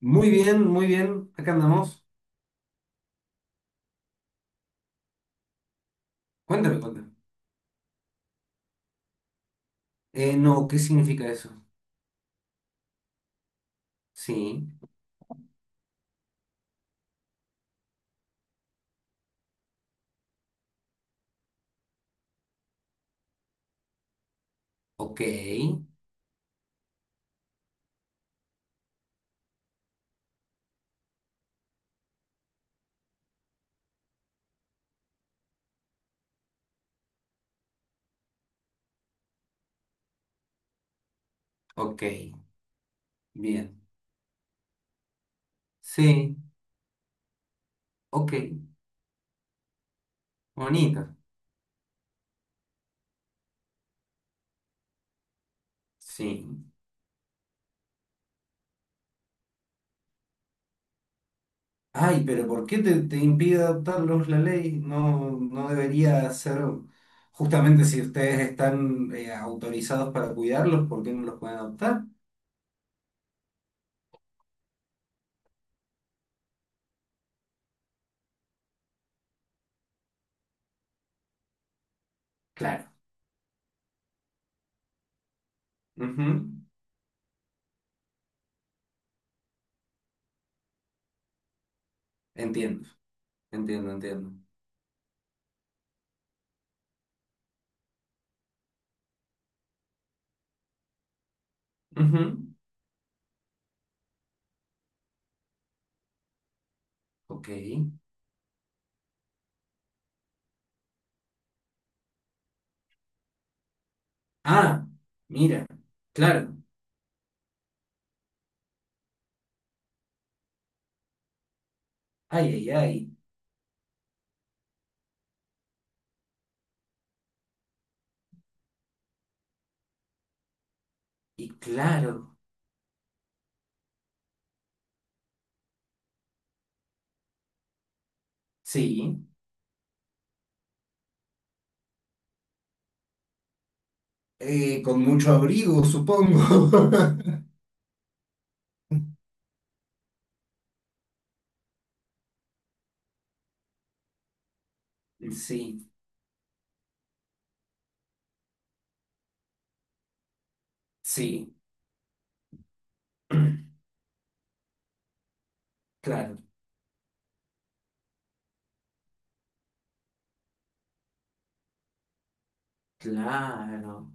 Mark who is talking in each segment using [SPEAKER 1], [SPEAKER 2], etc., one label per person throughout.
[SPEAKER 1] Muy bien, muy bien. Acá andamos. Cuéntame, cuéntame. No, ¿qué significa eso? Sí, ok, ok, bien. Sí, ok, bonita. Sí. Ay, pero ¿por qué te impide adoptarlos la ley? No, no debería ser, justamente si ustedes están autorizados para cuidarlos, ¿por qué no los pueden adoptar? Claro. Ujú. Entiendo, entiendo, entiendo. Ujú. Ok. Ah, mira. Claro. Ay, ay, ay. Y claro, sí. Con mucho abrigo, supongo. Sí, sí. Claro, claro.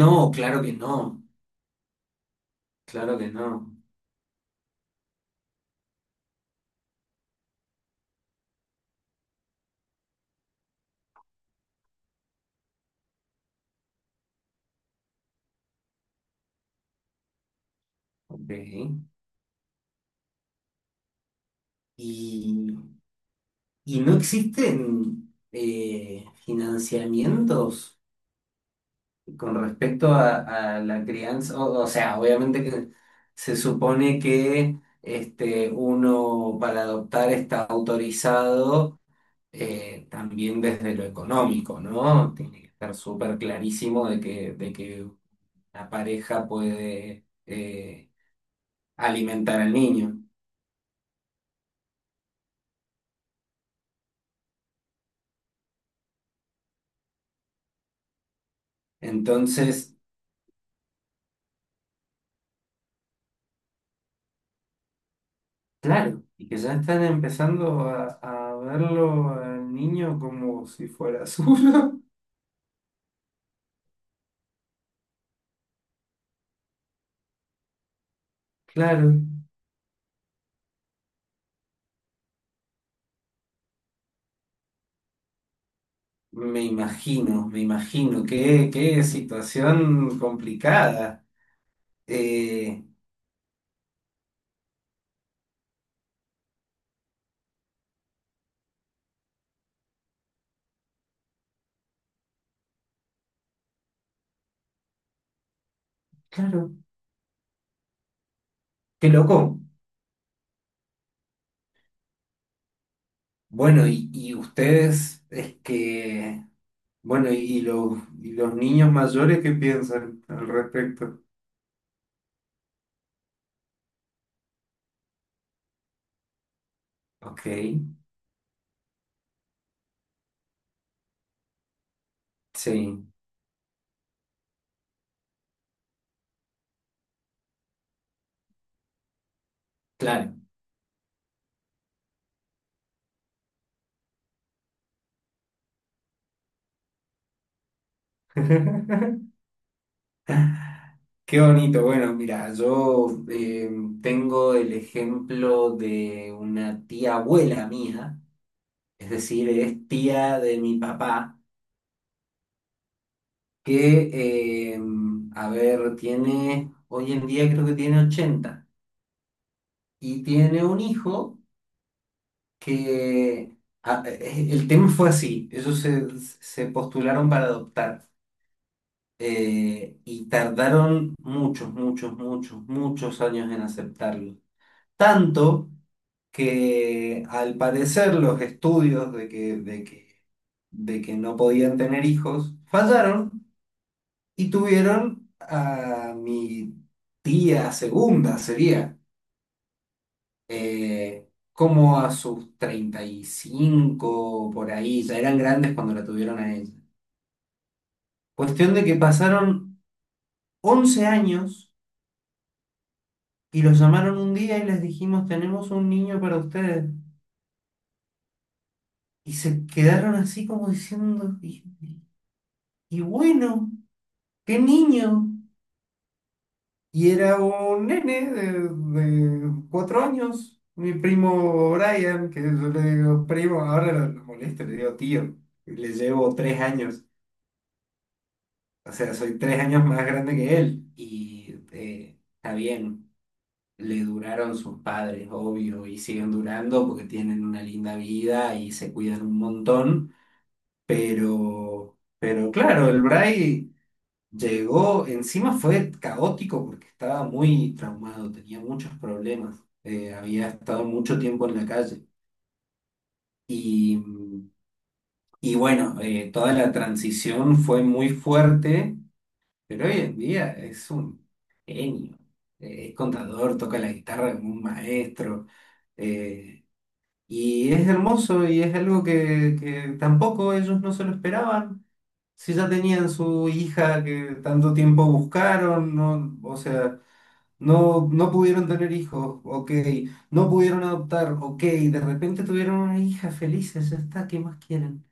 [SPEAKER 1] No, claro que no. Claro que no. Ok. Y, y no existen financiamientos con respecto a la crianza. O sea, obviamente que se supone que uno para adoptar está autorizado también desde lo económico, ¿no? Tiene que estar súper clarísimo de que una pareja puede alimentar al niño. Entonces, claro, y que ya están empezando a verlo al niño como si fuera suyo. Claro, me imagino, qué situación complicada. Eh, claro, qué loco. Bueno, y, y ustedes, es que Bueno, y los niños mayores, ¿qué piensan al respecto? Ok, sí, claro. Qué bonito. Bueno, mira, yo tengo el ejemplo de una tía abuela mía, es decir, es tía de mi papá, que, a ver, hoy en día creo que tiene 80 y tiene un hijo que, el tema fue así, ellos se postularon para adoptar. Y tardaron muchos, muchos, muchos, muchos años en aceptarlo. Tanto que al parecer los estudios de que no podían tener hijos fallaron y tuvieron a mi tía segunda, sería, como a sus 35 por ahí, ya eran grandes cuando la tuvieron a ella. Cuestión de que pasaron 11 años. Y los llamaron un día y les dijimos, tenemos un niño para ustedes. Y se quedaron así como diciendo, y bueno, ¿qué niño? Y era un nene de 4 años, mi primo Brian, que yo le digo, primo, ahora lo molesto, le digo, tío, y le llevo 3 años, o sea, soy 3 años más grande que él. Y está bien. Le duraron sus padres, obvio, y siguen durando porque tienen una linda vida y se cuidan un montón. Pero claro, el Bray llegó, encima fue caótico porque estaba muy traumado, tenía muchos problemas. Había estado mucho tiempo en la calle. Y, y bueno, toda la transición fue muy fuerte, pero hoy en día es un genio. Es contador, toca la guitarra como un maestro. eh, Y es hermoso y es algo que tampoco ellos no se lo esperaban. Si ya tenían su hija que tanto tiempo buscaron, no, o sea, no, no pudieron tener hijos, ok, no pudieron adoptar, ok, de repente tuvieron una hija felices, ya está, ¿qué más quieren?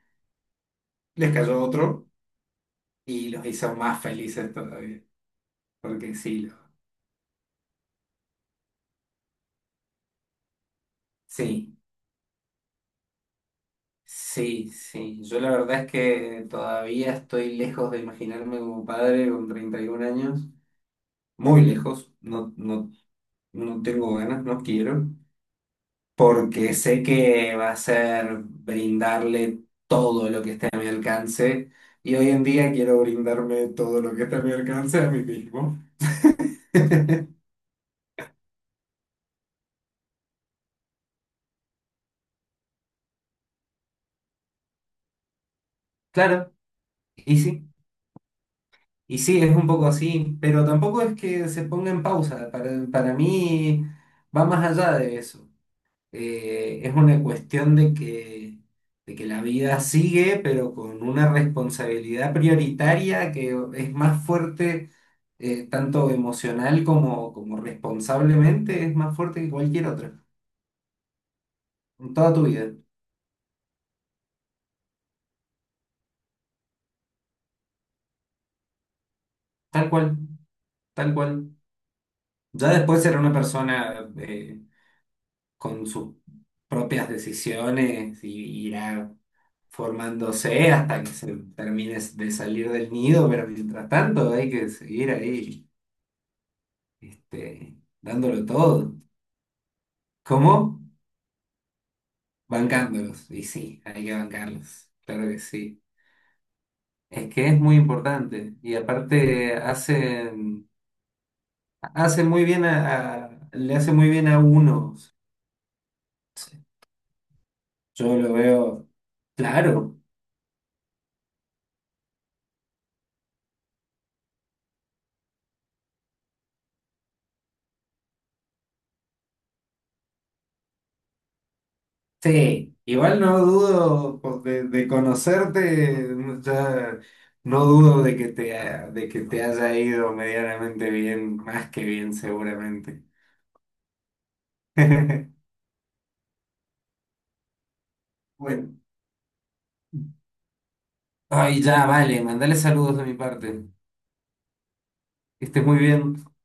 [SPEAKER 1] Les cayó otro y los hizo más felices todavía, porque sí, sí, sí, sí. Yo la verdad es que todavía estoy lejos de imaginarme como padre con 31 años. Muy lejos, no, no, no tengo ganas, no quiero, porque sé que va a ser brindarle todo lo que esté a mi alcance y hoy en día quiero brindarme todo lo que esté a mi alcance a mí mismo. Claro, y sí, y sí, es un poco así, pero tampoco es que se ponga en pausa, para mí va más allá de eso. Es una cuestión de que la vida sigue, pero con una responsabilidad prioritaria que es más fuerte, tanto emocional como, responsablemente, es más fuerte que cualquier otra, en toda tu vida, tal cual, tal cual. Ya después será una persona con sus propias decisiones y irá formándose hasta que se termine de salir del nido, pero mientras tanto hay que seguir ahí. Dándolo todo. ¿Cómo? Bancándolos. Y sí, hay que bancarlos. Claro que sí. Es que es muy importante. Y aparte hacen muy bien a, le hace muy bien a unos. Yo lo veo. Claro. Sí. Igual no dudo de conocerte, ya no dudo de que de que te haya ido medianamente bien, más que bien seguramente. Bueno. Ay, ya, vale, mandale saludos de mi parte. Que estés muy bien.